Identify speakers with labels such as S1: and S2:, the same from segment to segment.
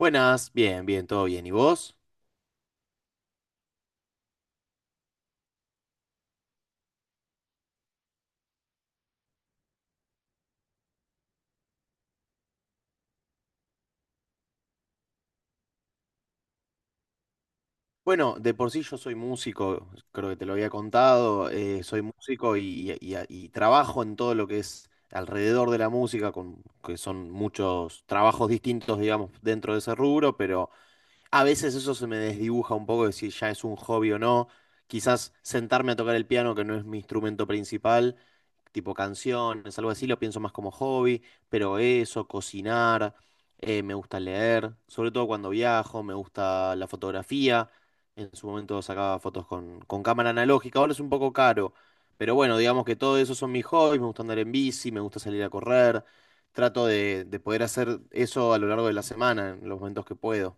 S1: Buenas, bien, bien, todo bien. ¿Y vos? Bueno, de por sí yo soy músico, creo que te lo había contado, soy músico y trabajo en todo lo que es alrededor de la música, con, que son muchos trabajos distintos, digamos, dentro de ese rubro, pero a veces eso se me desdibuja un poco de si ya es un hobby o no. Quizás sentarme a tocar el piano, que no es mi instrumento principal tipo canciones, algo así, lo pienso más como hobby, pero eso, cocinar, me gusta leer, sobre todo cuando viajo, me gusta la fotografía, en su momento sacaba fotos con cámara analógica, ahora es un poco caro, pero bueno, digamos que todo eso son mis hobbies, me gusta andar en bici, me gusta salir a correr, trato de poder hacer eso a lo largo de la semana, en los momentos que puedo.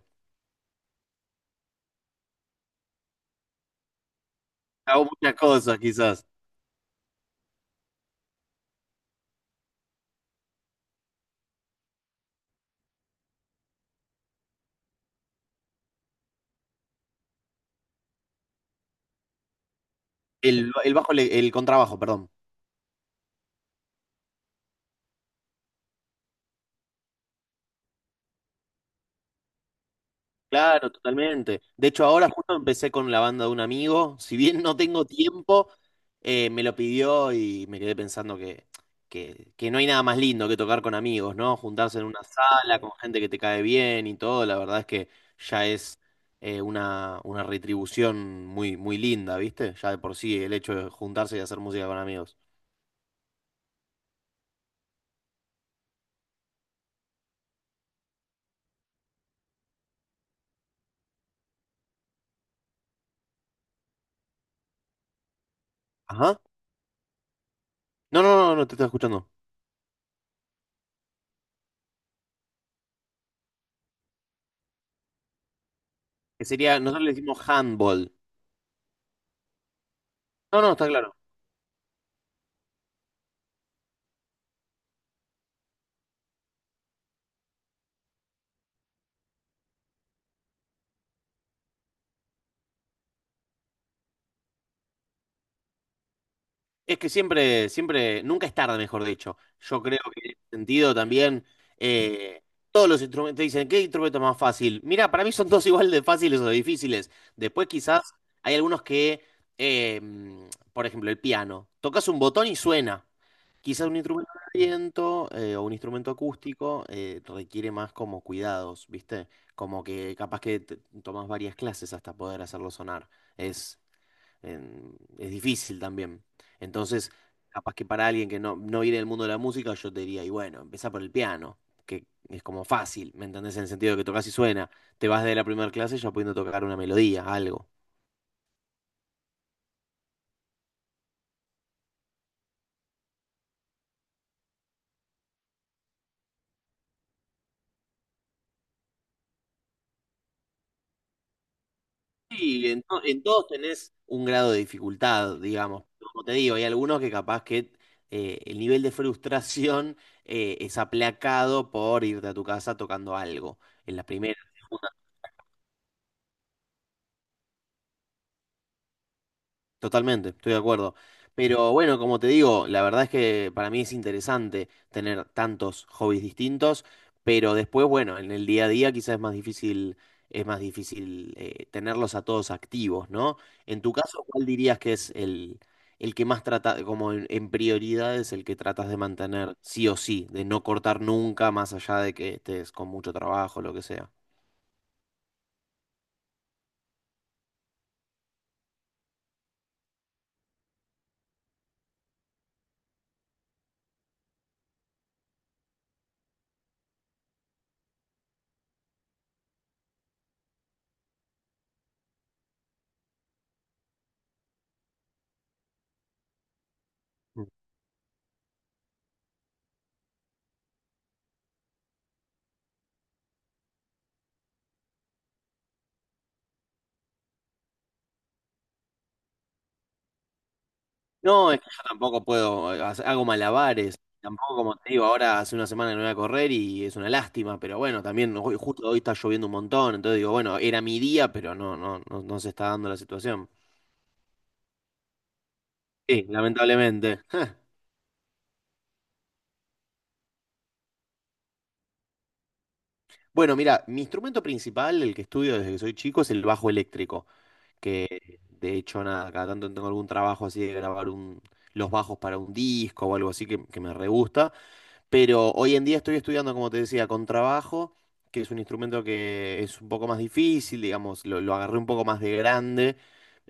S1: Hago muchas cosas, quizás. El bajo, el contrabajo, perdón. Claro, totalmente. De hecho, ahora justo empecé con la banda de un amigo. Si bien no tengo tiempo, me lo pidió y me quedé pensando que no hay nada más lindo que tocar con amigos, ¿no? Juntarse en una sala con gente que te cae bien y todo. La verdad es que ya es una retribución muy, muy linda, ¿viste? Ya de por sí el hecho de juntarse y hacer música con amigos. Ajá. No, no, no, no te estoy escuchando. Que sería, nosotros le decimos handball. No, no, está claro. Es que siempre, siempre, nunca es tarde, mejor dicho. Yo creo que en ese sentido también eh, todos los instrumentos te dicen, ¿qué instrumento es más fácil? Mira, para mí son todos igual de fáciles o de difíciles. Después quizás hay algunos que, eh, mm, por ejemplo, el piano. Tocas un botón y suena. Quizás un instrumento de viento o un instrumento acústico requiere más como cuidados, ¿viste? Como que capaz que tomas varias clases hasta poder hacerlo sonar. Es es difícil también. Entonces, capaz que para alguien que no, no viene del mundo de la música, yo te diría, y bueno, empezá por el piano, que es como fácil, ¿me entendés? En el sentido de que tocas y suena. Te vas de la primera clase ya pudiendo tocar una melodía, algo. Sí, en todos tenés un grado de dificultad, digamos. Como te digo, hay algunos que capaz que el nivel de frustración es aplacado por irte a tu casa tocando algo. En la primera Totalmente, estoy de acuerdo. Pero bueno, como te digo, la verdad es que para mí es interesante tener tantos hobbies distintos, pero después, bueno, en el día a día quizás es más difícil tenerlos a todos activos, ¿no? En tu caso, ¿cuál dirías que es el que más trata, como en prioridades, el que tratas de mantener sí o sí, de no cortar nunca, más allá de que estés con mucho trabajo, lo que sea? No, es que yo tampoco puedo, hago malabares. Tampoco, como te digo, ahora hace una semana que no voy a correr y es una lástima, pero bueno, también justo hoy está lloviendo un montón, entonces digo, bueno, era mi día, pero no, no, no, no se está dando la situación. Sí, lamentablemente. Bueno, mira, mi instrumento principal, el que estudio desde que soy chico, es el bajo eléctrico, que de hecho, nada, cada tanto tengo algún trabajo así de grabar un, los bajos para un disco o algo así que me re gusta. Pero hoy en día estoy estudiando, como te decía, con trabajo, que es un instrumento que es un poco más difícil, digamos, lo agarré un poco más de grande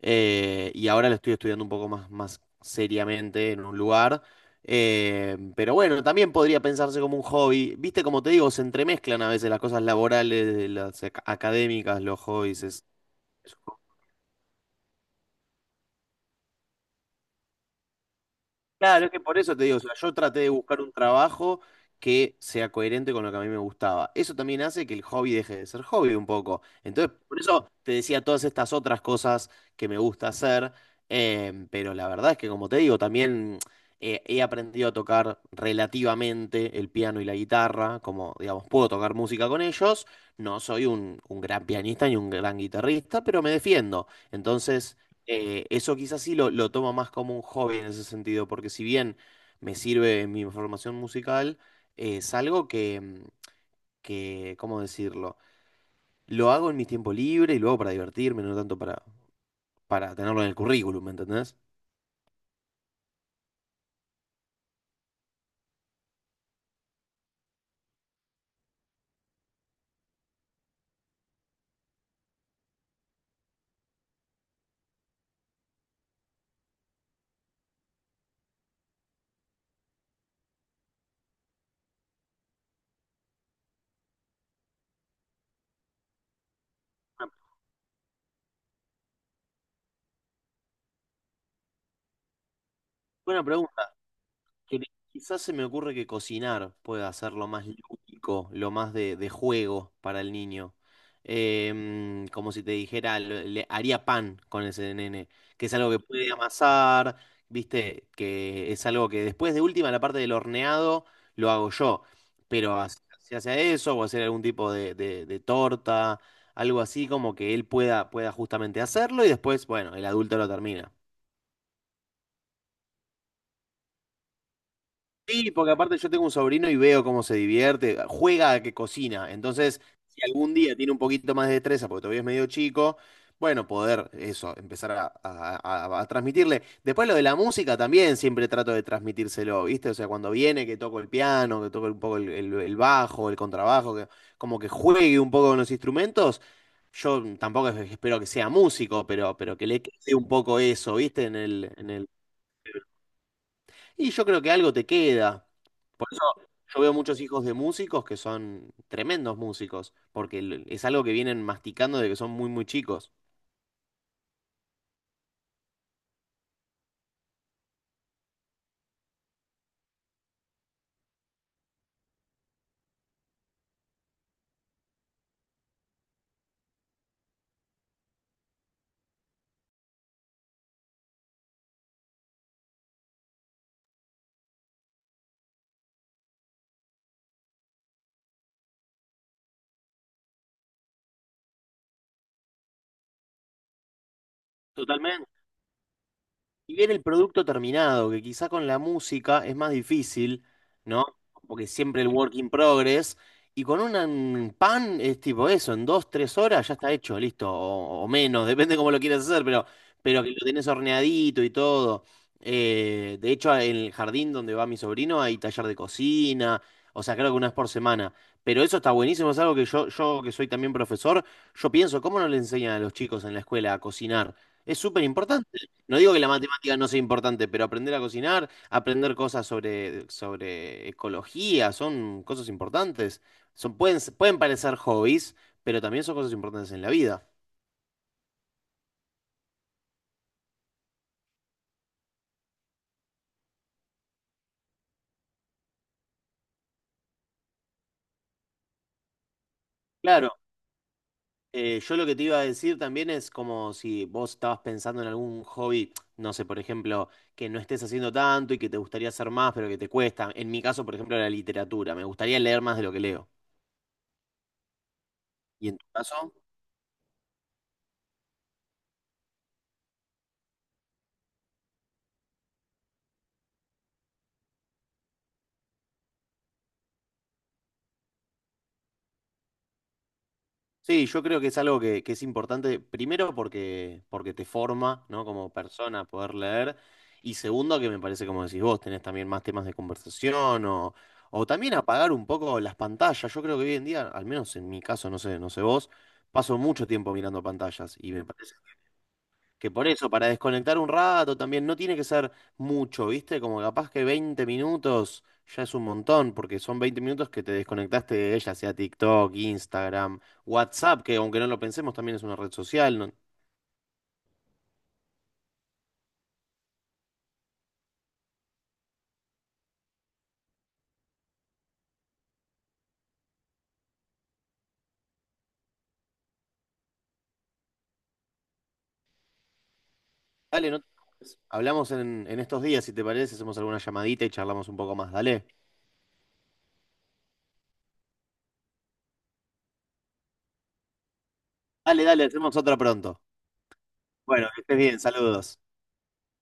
S1: y ahora lo estoy estudiando un poco más, más seriamente en un lugar. Pero bueno, también podría pensarse como un hobby. Viste, como te digo, se entremezclan a veces las cosas laborales, las académicas, los hobbies. Es, Claro, es que por eso te digo, o sea, yo traté de buscar un trabajo que sea coherente con lo que a mí me gustaba. Eso también hace que el hobby deje de ser hobby un poco. Entonces, por eso te decía todas estas otras cosas que me gusta hacer, pero la verdad es que, como te digo, también he aprendido a tocar relativamente el piano y la guitarra, como, digamos, puedo tocar música con ellos. No soy un gran pianista ni un gran guitarrista, pero me defiendo. Entonces... eso quizás sí lo tomo más como un hobby en ese sentido, porque si bien me sirve en mi formación musical, es algo que, que, ¿cómo decirlo? Lo hago en mis tiempos libres y luego para divertirme, no tanto para tenerlo en el currículum, ¿me entendés? Buena pregunta. Que quizás se me ocurre que cocinar pueda ser lo más lúdico, lo más de juego para el niño. Como si te dijera, le haría pan con ese nene, que es algo que puede amasar, viste, que es algo que después de última, la parte del horneado, lo hago yo. Pero hacia hacia eso, o hacer algún tipo de, de torta, algo así como que él pueda, pueda justamente hacerlo y después, bueno, el adulto lo termina. Sí, porque aparte yo tengo un sobrino y veo cómo se divierte, juega a que cocina. Entonces, si algún día tiene un poquito más de destreza, porque todavía es medio chico, bueno, poder eso, empezar a, a transmitirle. Después lo de la música también siempre trato de transmitírselo, ¿viste? O sea, cuando viene que toco el piano, que toco un poco el, el bajo, el contrabajo, que como que juegue un poco con los instrumentos. Yo tampoco espero que sea músico, pero que le quede un poco eso, ¿viste? En el... Y yo creo que algo te queda. Yo veo muchos hijos de músicos que son tremendos músicos, porque es algo que vienen masticando de que son muy, muy chicos. Totalmente. Y bien el producto terminado, que quizá con la música es más difícil, ¿no? Porque siempre el work in progress. Y con un pan es tipo eso, en dos, tres horas ya está hecho, listo, o menos, depende cómo lo quieras hacer, pero que lo tenés horneadito y todo. De hecho, en el jardín donde va mi sobrino hay taller de cocina, o sea, creo que una vez por semana. Pero eso está buenísimo, es algo que yo que soy también profesor, yo pienso, ¿cómo no le enseñan a los chicos en la escuela a cocinar? Es súper importante. No digo que la matemática no sea importante, pero aprender a cocinar, aprender cosas sobre, sobre ecología, son cosas importantes. Son, pueden, pueden parecer hobbies, pero también son cosas importantes en la vida. Claro, yo lo que te iba a decir también es como si vos estabas pensando en algún hobby, no sé, por ejemplo, que no estés haciendo tanto y que te gustaría hacer más, pero que te cuesta. En mi caso, por ejemplo, la literatura. Me gustaría leer más de lo que leo. ¿Y en tu caso? Sí, yo creo que es algo que es importante, primero porque, porque te forma, ¿no? Como persona poder leer, y segundo que me parece, como decís vos, tenés también más temas de conversación o también apagar un poco las pantallas. Yo creo que hoy en día, al menos en mi caso, no sé, no sé vos, paso mucho tiempo mirando pantallas y me parece que por eso, para desconectar un rato también, no tiene que ser mucho, ¿viste? Como capaz que 20 minutos ya es un montón, porque son 20 minutos que te desconectaste de ella, sea TikTok, Instagram, WhatsApp, que aunque no lo pensemos, también es una red social. ¿No? Dale, no te preocupes. Hablamos en estos días, si te parece, hacemos alguna llamadita y charlamos un poco más, dale. Dale, dale, hacemos otra pronto. Bueno, que estés bien, saludos.